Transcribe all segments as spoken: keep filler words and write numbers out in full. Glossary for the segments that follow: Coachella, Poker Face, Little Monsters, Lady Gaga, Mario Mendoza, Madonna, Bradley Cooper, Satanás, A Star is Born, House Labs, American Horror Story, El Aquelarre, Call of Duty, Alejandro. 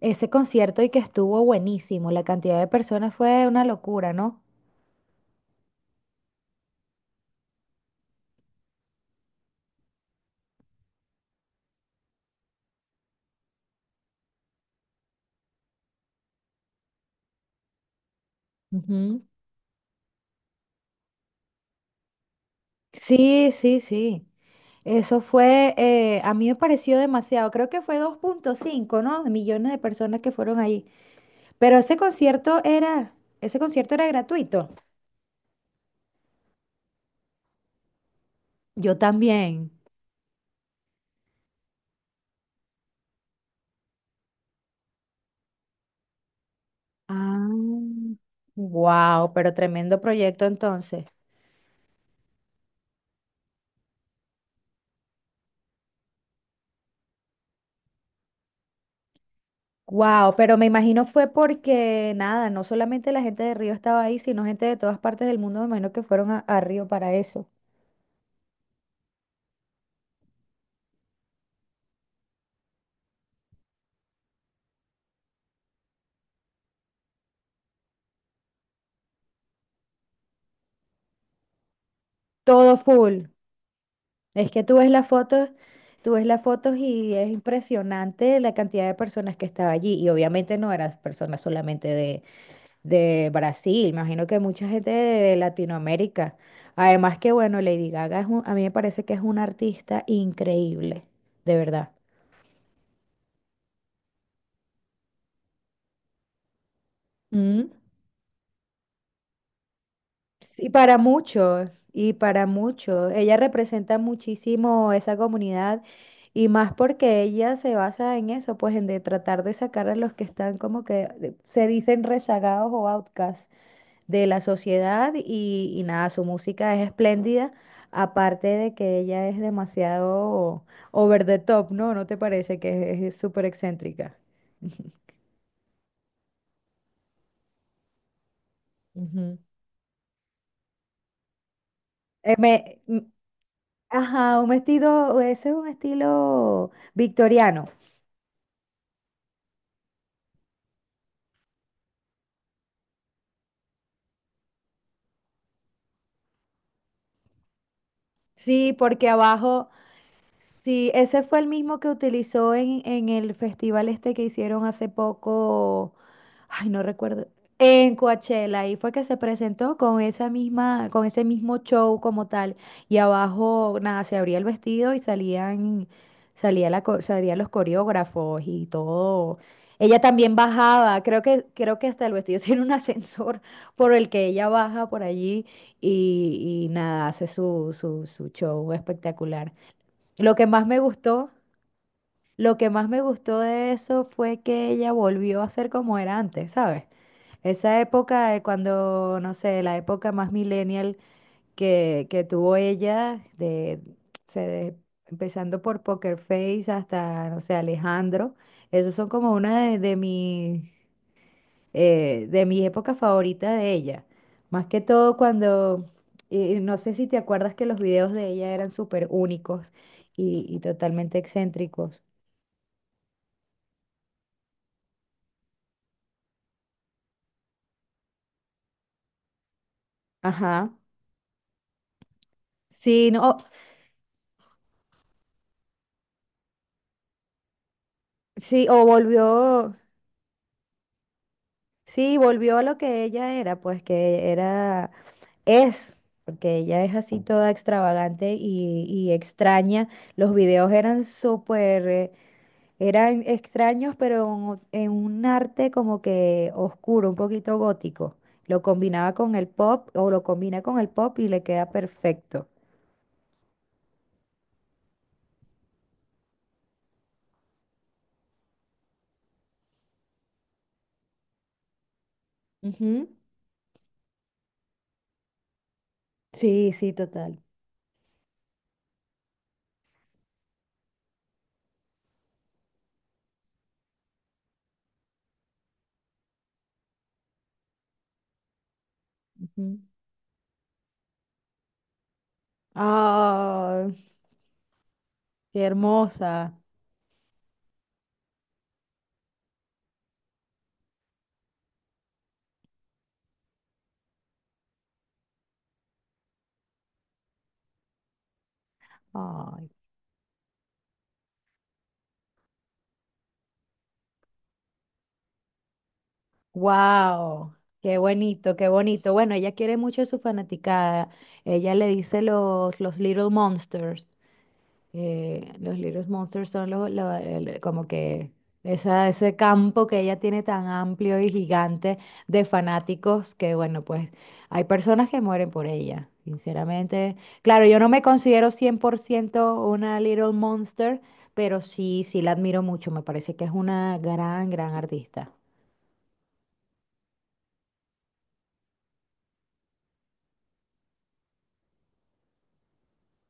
Ese concierto y que estuvo buenísimo. La cantidad de personas fue una locura, ¿no? Ujú. Sí, sí, sí. Eso fue, eh, a mí me pareció demasiado. Creo que fue dos punto cinco, ¿no? Millones de personas que fueron ahí. Pero ese concierto era, ese concierto era gratuito. Yo también. Ah, wow, pero tremendo proyecto entonces. Wow, pero me imagino fue porque nada, no solamente la gente de Río estaba ahí, sino gente de todas partes del mundo, me imagino que fueron a, a Río para eso. Todo full. Es que tú ves las fotos, tú ves las fotos y es impresionante la cantidad de personas que estaba allí. Y obviamente no eran personas solamente de, de Brasil, imagino que mucha gente de Latinoamérica. Además que bueno, Lady Gaga es un- a mí me parece que es una artista increíble, de verdad. Mm. Sí, para muchos, y para muchos. Ella representa muchísimo esa comunidad y más porque ella se basa en eso, pues en de tratar de sacar a los que están como que de- se dicen rezagados o outcasts de la sociedad y, y nada, su música es espléndida, aparte de que ella es demasiado over the top, ¿no? ¿No te parece que es es súper excéntrica? Ujú. Eh, me- Ajá, un vestido, ese es un estilo victoriano. Sí, porque abajo, sí, ese fue el mismo que utilizó en, en el festival este que hicieron hace poco. Ay, no recuerdo. En Coachella, ahí fue que se presentó con esa misma, con ese mismo show como tal. Y abajo, nada, se abría el vestido y salían, salía la, co- Salían los coreógrafos y todo. Ella también bajaba, creo que, creo que hasta el vestido tiene un ascensor por el que ella baja por allí y, y nada, hace su, su, su show espectacular. Lo que más me gustó, lo que más me gustó de eso fue que ella volvió a ser como era antes, ¿sabes? Esa época de cuando, no sé, la época más millennial que, que tuvo ella, de, se de- empezando por Poker Face hasta, no sé, Alejandro, esos son como una de, de mis, eh, de mis épocas favoritas de ella. Más que todo cuando, y y no sé si te acuerdas que los videos de ella eran súper únicos y, y totalmente excéntricos. Ajá. Sí, no, sí, o volvió. Sí, volvió a lo que ella era, pues que era, es, porque ella es así toda extravagante y, y extraña. Los videos eran súper, eh, eran extraños, pero en, o- en un arte como que oscuro, un poquito gótico. Lo combinaba con el pop o lo combina con el pop y le queda perfecto. Ujú. Sí, sí, total. Ujú. Ah, qué hermosa. Ay. Wow, qué bonito, qué bonito. Bueno, ella quiere mucho a su fanaticada. Ella le dice los, los Little Monsters. Eh, los Little Monsters son los, lo- el- como que esa, ese campo que ella tiene tan amplio y gigante de fanáticos que, bueno, pues hay personas que mueren por ella, sinceramente. Claro, yo no me considero cien por ciento una Little Monster, pero sí, sí la admiro mucho. Me parece que es una gran, gran artista.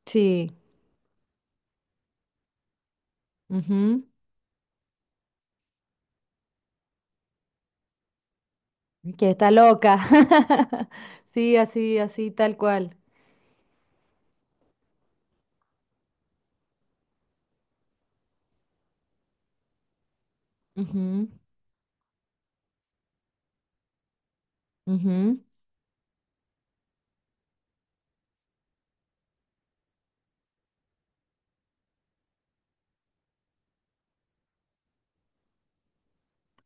Sí. Ujú. Que está loca. Sí, así, así, tal cual. Ujú, ujú.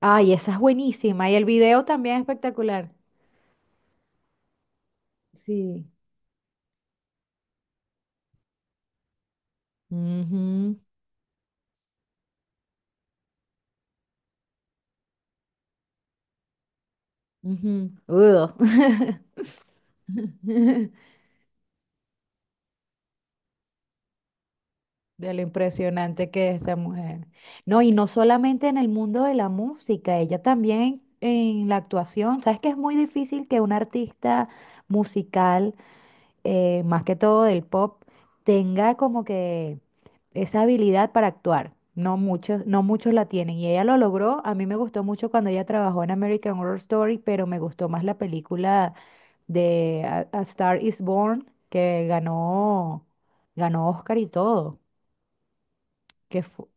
Ay, esa es buenísima. Y el video también es espectacular. Sí. Ujú, ujú. Udo. De lo impresionante que es esa mujer. No, y no solamente en el mundo de la música, ella también en la actuación. ¿Sabes que es muy difícil que un artista musical eh, más que todo del pop, tenga como que esa habilidad para actuar? No muchos, no muchos la tienen y ella lo logró. A mí me gustó mucho cuando ella trabajó en American Horror Story, pero me gustó más la película de A, A Star is Born, que ganó, ganó Oscar y todo. Que fu-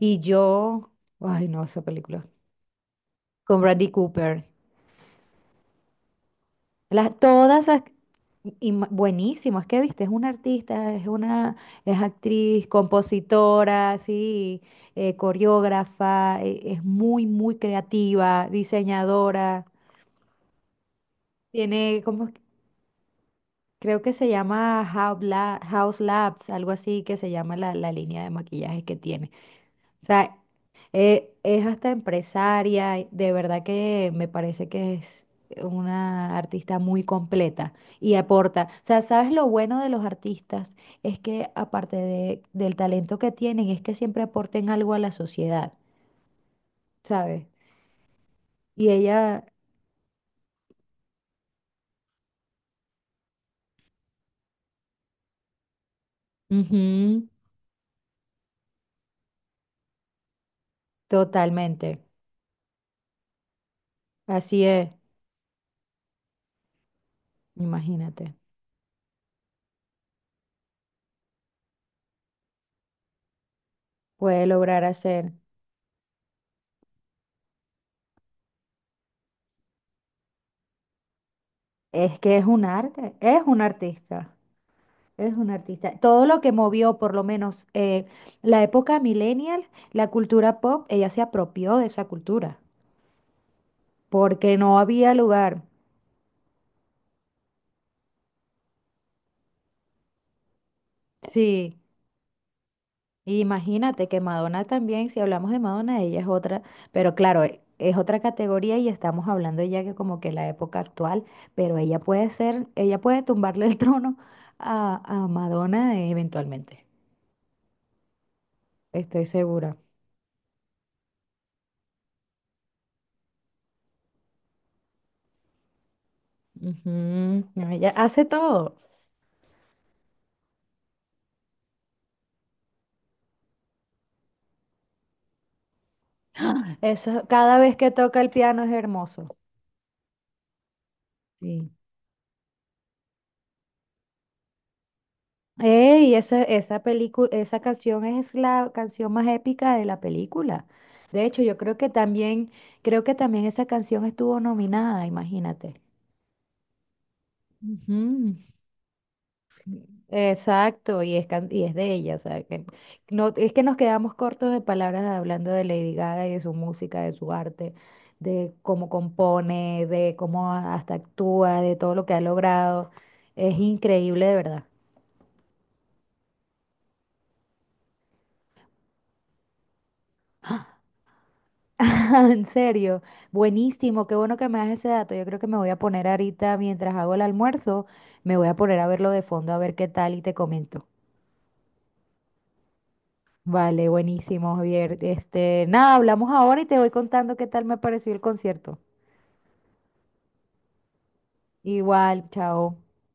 y yo, Ay no, esa película. Con Bradley Cooper. Las, todas las... y- ma- Buenísimo, es que viste, es una artista, es una, es actriz, compositora, sí, eh, coreógrafa, e- es muy, muy creativa, diseñadora. Tiene, como, creo que se llama House Lab- House Labs, algo así que se llama la, la línea de maquillaje que tiene. O sea, eh, es hasta empresaria, y de verdad que me parece que es una artista muy completa y aporta. O sea, ¿sabes lo bueno de los artistas? Es que aparte de- del talento que tienen, es que siempre aporten algo a la sociedad, ¿sabes? Y ella, ujú, totalmente, así es, imagínate, puede lograr hacer. Es que es un arte, es un artista. Es un artista. Todo lo que movió, por lo menos, eh, la época millennial, la cultura pop, ella se apropió de esa cultura, porque no había lugar. Sí, imagínate que Madonna también, si hablamos de Madonna, ella es otra, pero claro, e- es otra categoría y estamos hablando ya que como que la época actual, pero ella puede ser, ella puede tumbarle el trono a, a Madonna eh, eventualmente, estoy segura. Ujú, no, ella hace todo. Eso, cada vez que toca el piano es hermoso. Sí. Eh, y esa, esa película, esa canción es la canción más épica de la película. De hecho, yo creo que también, creo que también esa canción estuvo nominada, imagínate. Ujú. Exacto, y es, can- y es de ella, o sea, que no, es que nos quedamos cortos de palabras hablando de Lady Gaga y de su música, de su arte, de cómo compone, de cómo hasta actúa, de todo lo que ha logrado. Es increíble, de verdad. Ah, en serio, buenísimo, qué bueno que me das ese dato. Yo creo que me voy a poner ahorita, mientras hago el almuerzo, me voy a poner a verlo de fondo a ver qué tal y te comento. Vale, buenísimo, Javier. Este, nada, hablamos ahora y te voy contando qué tal me pareció el concierto. Igual, chao.